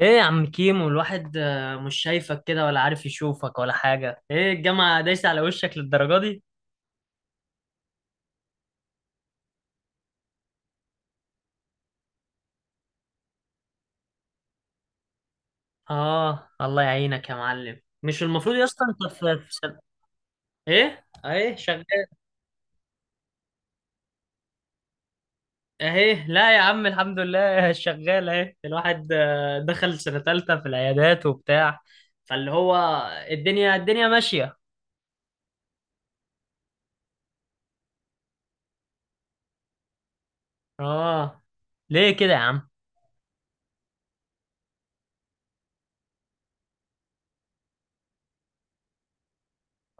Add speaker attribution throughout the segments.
Speaker 1: ايه يا عم كيمو، الواحد مش شايفك كده ولا عارف يشوفك ولا حاجة. ايه الجامعة دايسة على وشك للدرجة دي؟ اه، الله يعينك يا معلم. مش المفروض يا اسطى انت في سن... ايه اهي شغال. اهي لا يا عم الحمد لله شغال اهي. الواحد دخل سنة تالتة في العيادات وبتاع، فاللي هو الدنيا ماشية. اه، ليه كده يا عم؟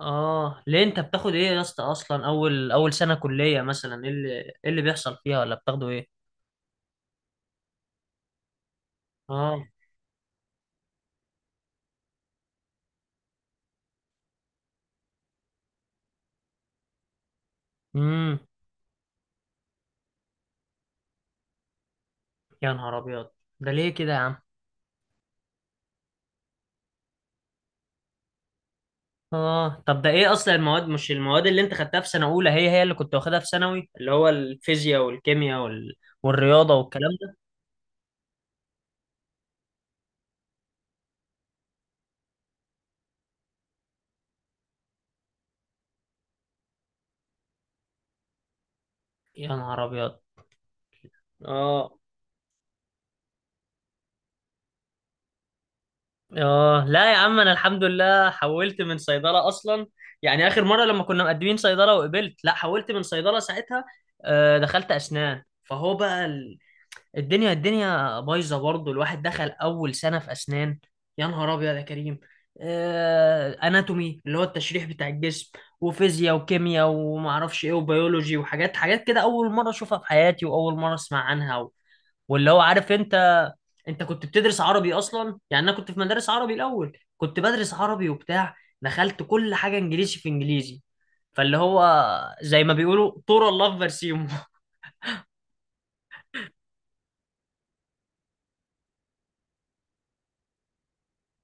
Speaker 1: اه، ليه انت بتاخد ايه يا اسطى اصلا؟ اول سنة كلية مثلا ايه اللي بيحصل فيها، ولا بتاخده ايه؟ اه. امم. يا نهار ابيض، ده ليه كده يا عم؟ اه طب ده ايه اصلا المواد؟ مش المواد اللي انت خدتها في سنه اولى هي هي اللي كنت واخدها في ثانوي؟ اللي هو الفيزياء والكيمياء وال... والرياضه والكلام ده. يا نهار ابيض. اه اه، لا يا عم، انا الحمد لله حولت من صيدله اصلا. يعني اخر مره لما كنا مقدمين صيدله وقبلت، لا حولت من صيدله ساعتها. آه دخلت اسنان، فهو بقى الدنيا بايظه برضه، الواحد دخل اول سنه في اسنان. يا نهار ابيض يا كريم. اناتومي، اللي هو التشريح بتاع الجسم، وفيزياء وكيمياء وما اعرفش ايه وبيولوجي وحاجات حاجات كده، اول مره اشوفها في حياتي واول مره اسمع عنها و... واللي هو عارف انت، انت كنت بتدرس عربي اصلا. يعني انا كنت في مدارس عربي الاول، كنت بدرس عربي وبتاع، دخلت كل حاجه انجليزي في انجليزي. فاللي هو زي ما بيقولوا طور الله في برسيمه.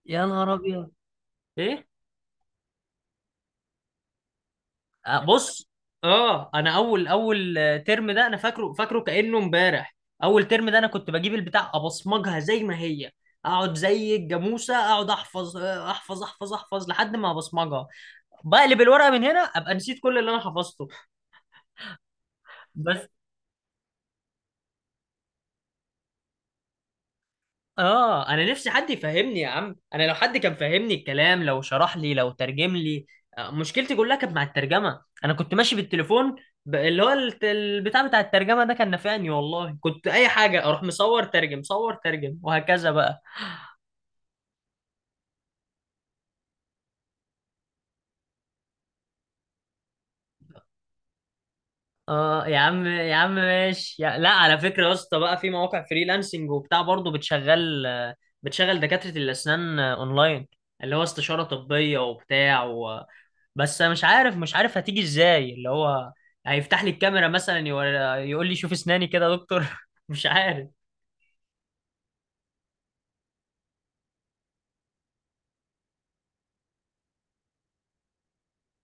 Speaker 1: يا نهار ابيض. ايه. بص. اه، انا اول ترم ده انا فاكره فاكره كانه امبارح. اول ترم ده انا كنت بجيب البتاع ابصمجها زي ما هي، اقعد زي الجاموسه، اقعد احفظ، احفظ احفظ احفظ لحد ما ابصمجها. بقلب الورقه من هنا ابقى نسيت كل اللي انا حفظته. بس اه، انا نفسي حد يفهمني يا عم. انا لو حد كان فهمني الكلام، لو شرح لي، لو ترجم لي. مشكلتي كلها كانت مع الترجمه. انا كنت ماشي بالتليفون، البتاع بتاع الترجمه ده كان نافعني والله. كنت اي حاجه، اروح مصور ترجم، صور ترجم، وهكذا بقى. اه يا عم، يا عم ماشي يا... لا، على فكره يا اسطى، بقى في مواقع فريلانسنج وبتاع برضه بتشغل دكاتره الاسنان اونلاين، اللي هو استشاره طبيه وبتاع. بس أنا مش عارف هتيجي ازاي. اللي هو هيفتح لي الكاميرا مثلا، يقول لي شوف اسناني كده يا دكتور. مش عارف.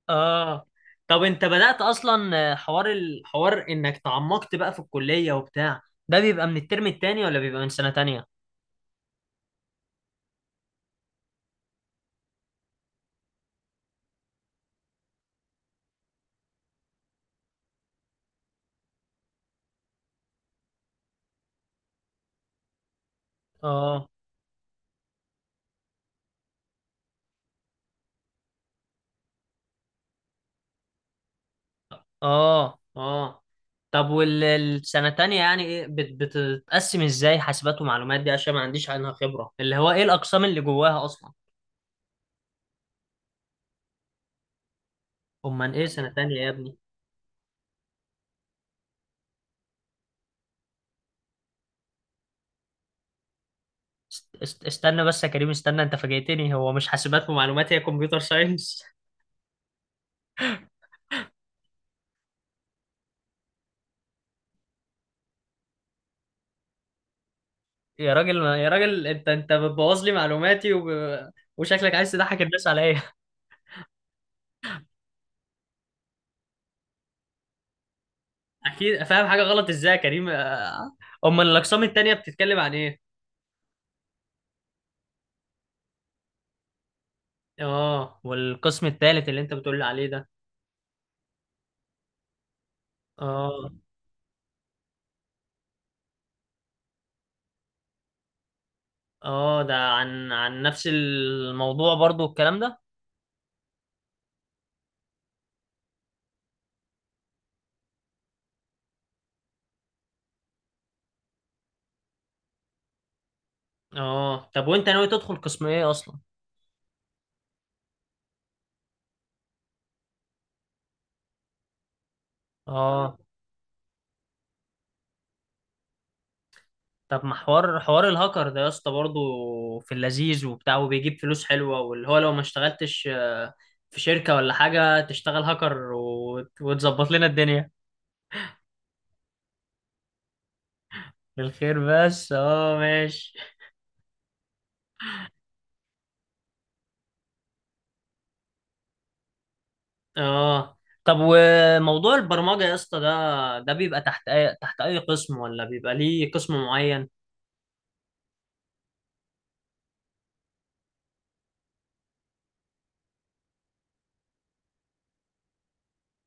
Speaker 1: اه طب، انت بدأت اصلا الحوار انك تعمقت بقى في الكلية وبتاع، ده بيبقى من الترم التاني ولا بيبقى من سنة تانية؟ اه اه اه. طب والسنة التانية يعني ايه، بتتقسم ازاي؟ حاسبات ومعلومات دي، عشان ما عنديش عنها خبرة، اللي هو ايه الأقسام اللي جواها اصلا؟ امال ايه سنة تانية يا ابني؟ استنى بس يا كريم، استنى، انت فاجئتني. هو مش حاسبات ومعلومات هي كمبيوتر ساينس؟ يا راجل يا راجل، انت بتبوظ لي معلوماتي، وشكلك عايز تضحك الناس عليا. اكيد فاهم حاجه غلط. ازاي يا كريم؟ امال الاقسام التانية بتتكلم عن ايه؟ اه، والقسم الثالث اللي انت بتقول لي عليه ده؟ اه اه، ده عن نفس الموضوع برضو الكلام ده؟ اه طب، وانت ناوي تدخل قسم ايه اصلا؟ اه طب، ما حوار الهاكر ده يا اسطى برضه في اللذيذ وبتاع وبيجيب فلوس حلوة. واللي هو لو ما اشتغلتش في شركة ولا حاجة، تشتغل هاكر وتظبط لنا الدنيا. بالخير بس، اه ماشي. اه طب وموضوع البرمجة يا اسطى، ده بيبقى تحت أي قسم، ولا بيبقى ليه قسم معين؟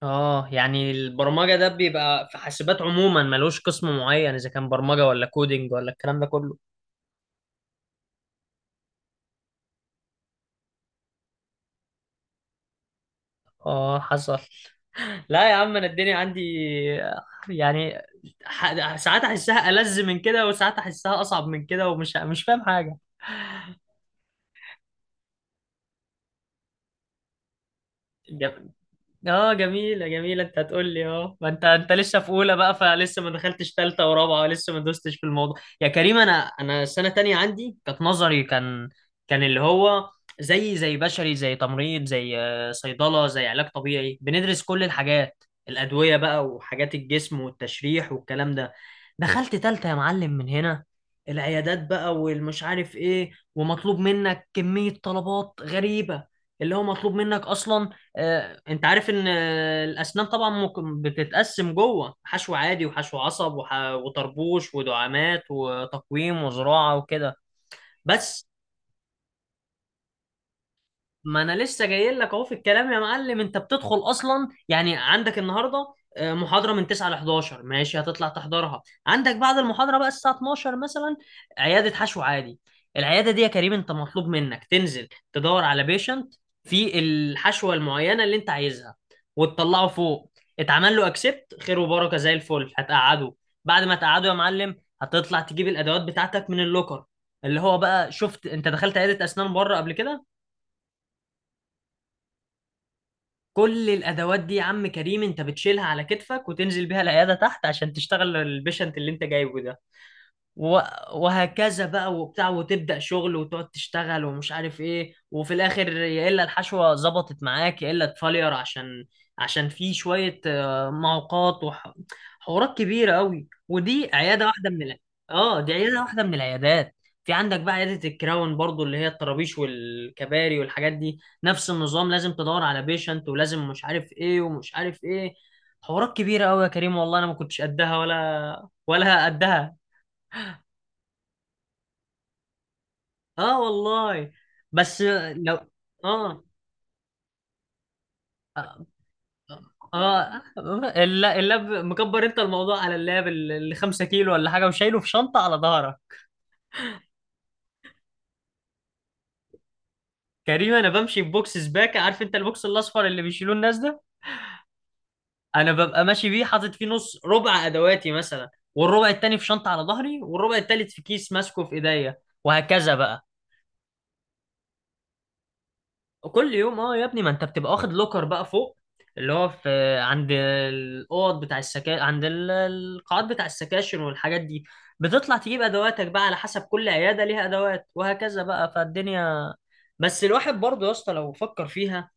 Speaker 1: اه يعني البرمجة ده بيبقى في حاسبات عموما، ملوش قسم معين، إذا كان برمجة ولا كودينج ولا الكلام ده كله. اه حصل. لا يا عم، انا الدنيا عندي يعني، ساعات احسها ألذ من كده وساعات احسها اصعب من كده، ومش مش فاهم حاجه. اه جميلة جميلة. انت هتقول لي اه ما انت لسه في اولى بقى، فلسه ما دخلتش ثالثة ورابعة ولسه ما دوستش في الموضوع. يا كريم انا السنة تانية عندي كانت نظري. كان اللي هو زي بشري، زي تمريض، زي صيدلة، زي علاج طبيعي. بندرس كل الحاجات، الأدوية بقى وحاجات الجسم والتشريح والكلام ده. دخلت ثالثة يا معلم، من هنا العيادات بقى والمش عارف ايه، ومطلوب منك كمية طلبات غريبة. اللي هو مطلوب منك اصلا، انت عارف ان الاسنان طبعا ممكن بتتقسم جوه حشو عادي وحشو عصب وطربوش ودعامات وتقويم وزراعه وكده، بس. ما انا لسه جاي لك اهو في الكلام يا معلم. انت بتدخل اصلا، يعني عندك النهارده محاضره من 9 ل 11، ماشي، هتطلع تحضرها. عندك بعد المحاضره بقى الساعه 12 مثلا عياده حشو عادي. العياده دي يا كريم، انت مطلوب منك تنزل تدور على بيشنت في الحشوه المعينه اللي انت عايزها، وتطلعه فوق. اتعمل له اكسبت، خير وبركه زي الفل، هتقعده. بعد ما تقعده يا معلم، هتطلع تجيب الادوات بتاعتك من اللوكر، اللي هو بقى، شفت انت دخلت عياده اسنان بره قبل كده؟ كل الادوات دي يا عم كريم، انت بتشيلها على كتفك وتنزل بيها العياده تحت عشان تشتغل البيشنت اللي انت جايبه ده، و- وهكذا بقى وبتاع. وتبدأ شغل وتقعد تشتغل ومش عارف ايه، وفي الاخر يا الا الحشوة ظبطت معاك يا الا تفلير، عشان في شوية معوقات وحوارات كبيرة قوي، ودي عيادة واحدة من ال... اه، دي عيادة واحدة من العيادات. في عندك بقى عيادة الكراون برضو، اللي هي الطرابيش والكباري والحاجات دي. نفس النظام، لازم تدور على بيشنت ولازم مش عارف ايه ومش عارف ايه. حوارات كبيرة قوي يا كريم، والله انا ما كنتش قدها، ولا قدها. اه والله. بس لو، اه اه. آه. اللاب مكبر انت الموضوع، على اللاب اللي 5 كيلو ولا حاجه وشايله في شنطه على ظهرك. كريم، انا بمشي ببوكس سباكه، عارف انت البوكس الاصفر اللي بيشيلوه الناس ده؟ انا ببقى ماشي بيه حاطط فيه نص ربع ادواتي مثلا، والربع التاني في شنطه على ظهري، والربع التالت في كيس ماسكه في ايديا، وهكذا بقى. كل يوم اه يا ابني، ما انت بتبقى واخد لوكر بقى فوق، اللي هو في عند الاوض بتاع السكا، عند القاعات بتاع السكاشن والحاجات دي. بتطلع تجيب ادواتك بقى على حسب كل عياده ليها ادوات، وهكذا بقى فالدنيا. بس الواحد برضه يا اسطى لو فكر فيها،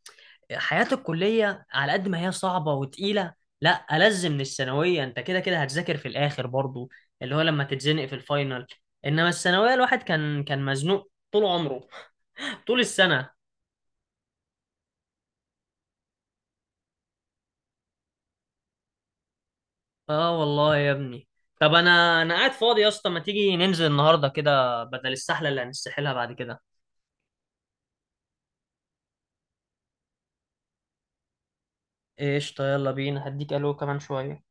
Speaker 1: حياه الكليه على قد ما هي صعبه وتقيله، لا ألذ من الثانويه. انت كده كده هتذاكر في الاخر برضه، اللي هو لما تتزنق في الفاينل. انما الثانويه الواحد كان مزنوق طول عمره، طول السنة. اه والله يا ابني. طب انا قاعد فاضي يا اسطى، ما تيجي ننزل النهارده كده بدل السحله اللي هنستحلها بعد كده؟ قشطه، يلا بينا، هديك الو كمان شويه.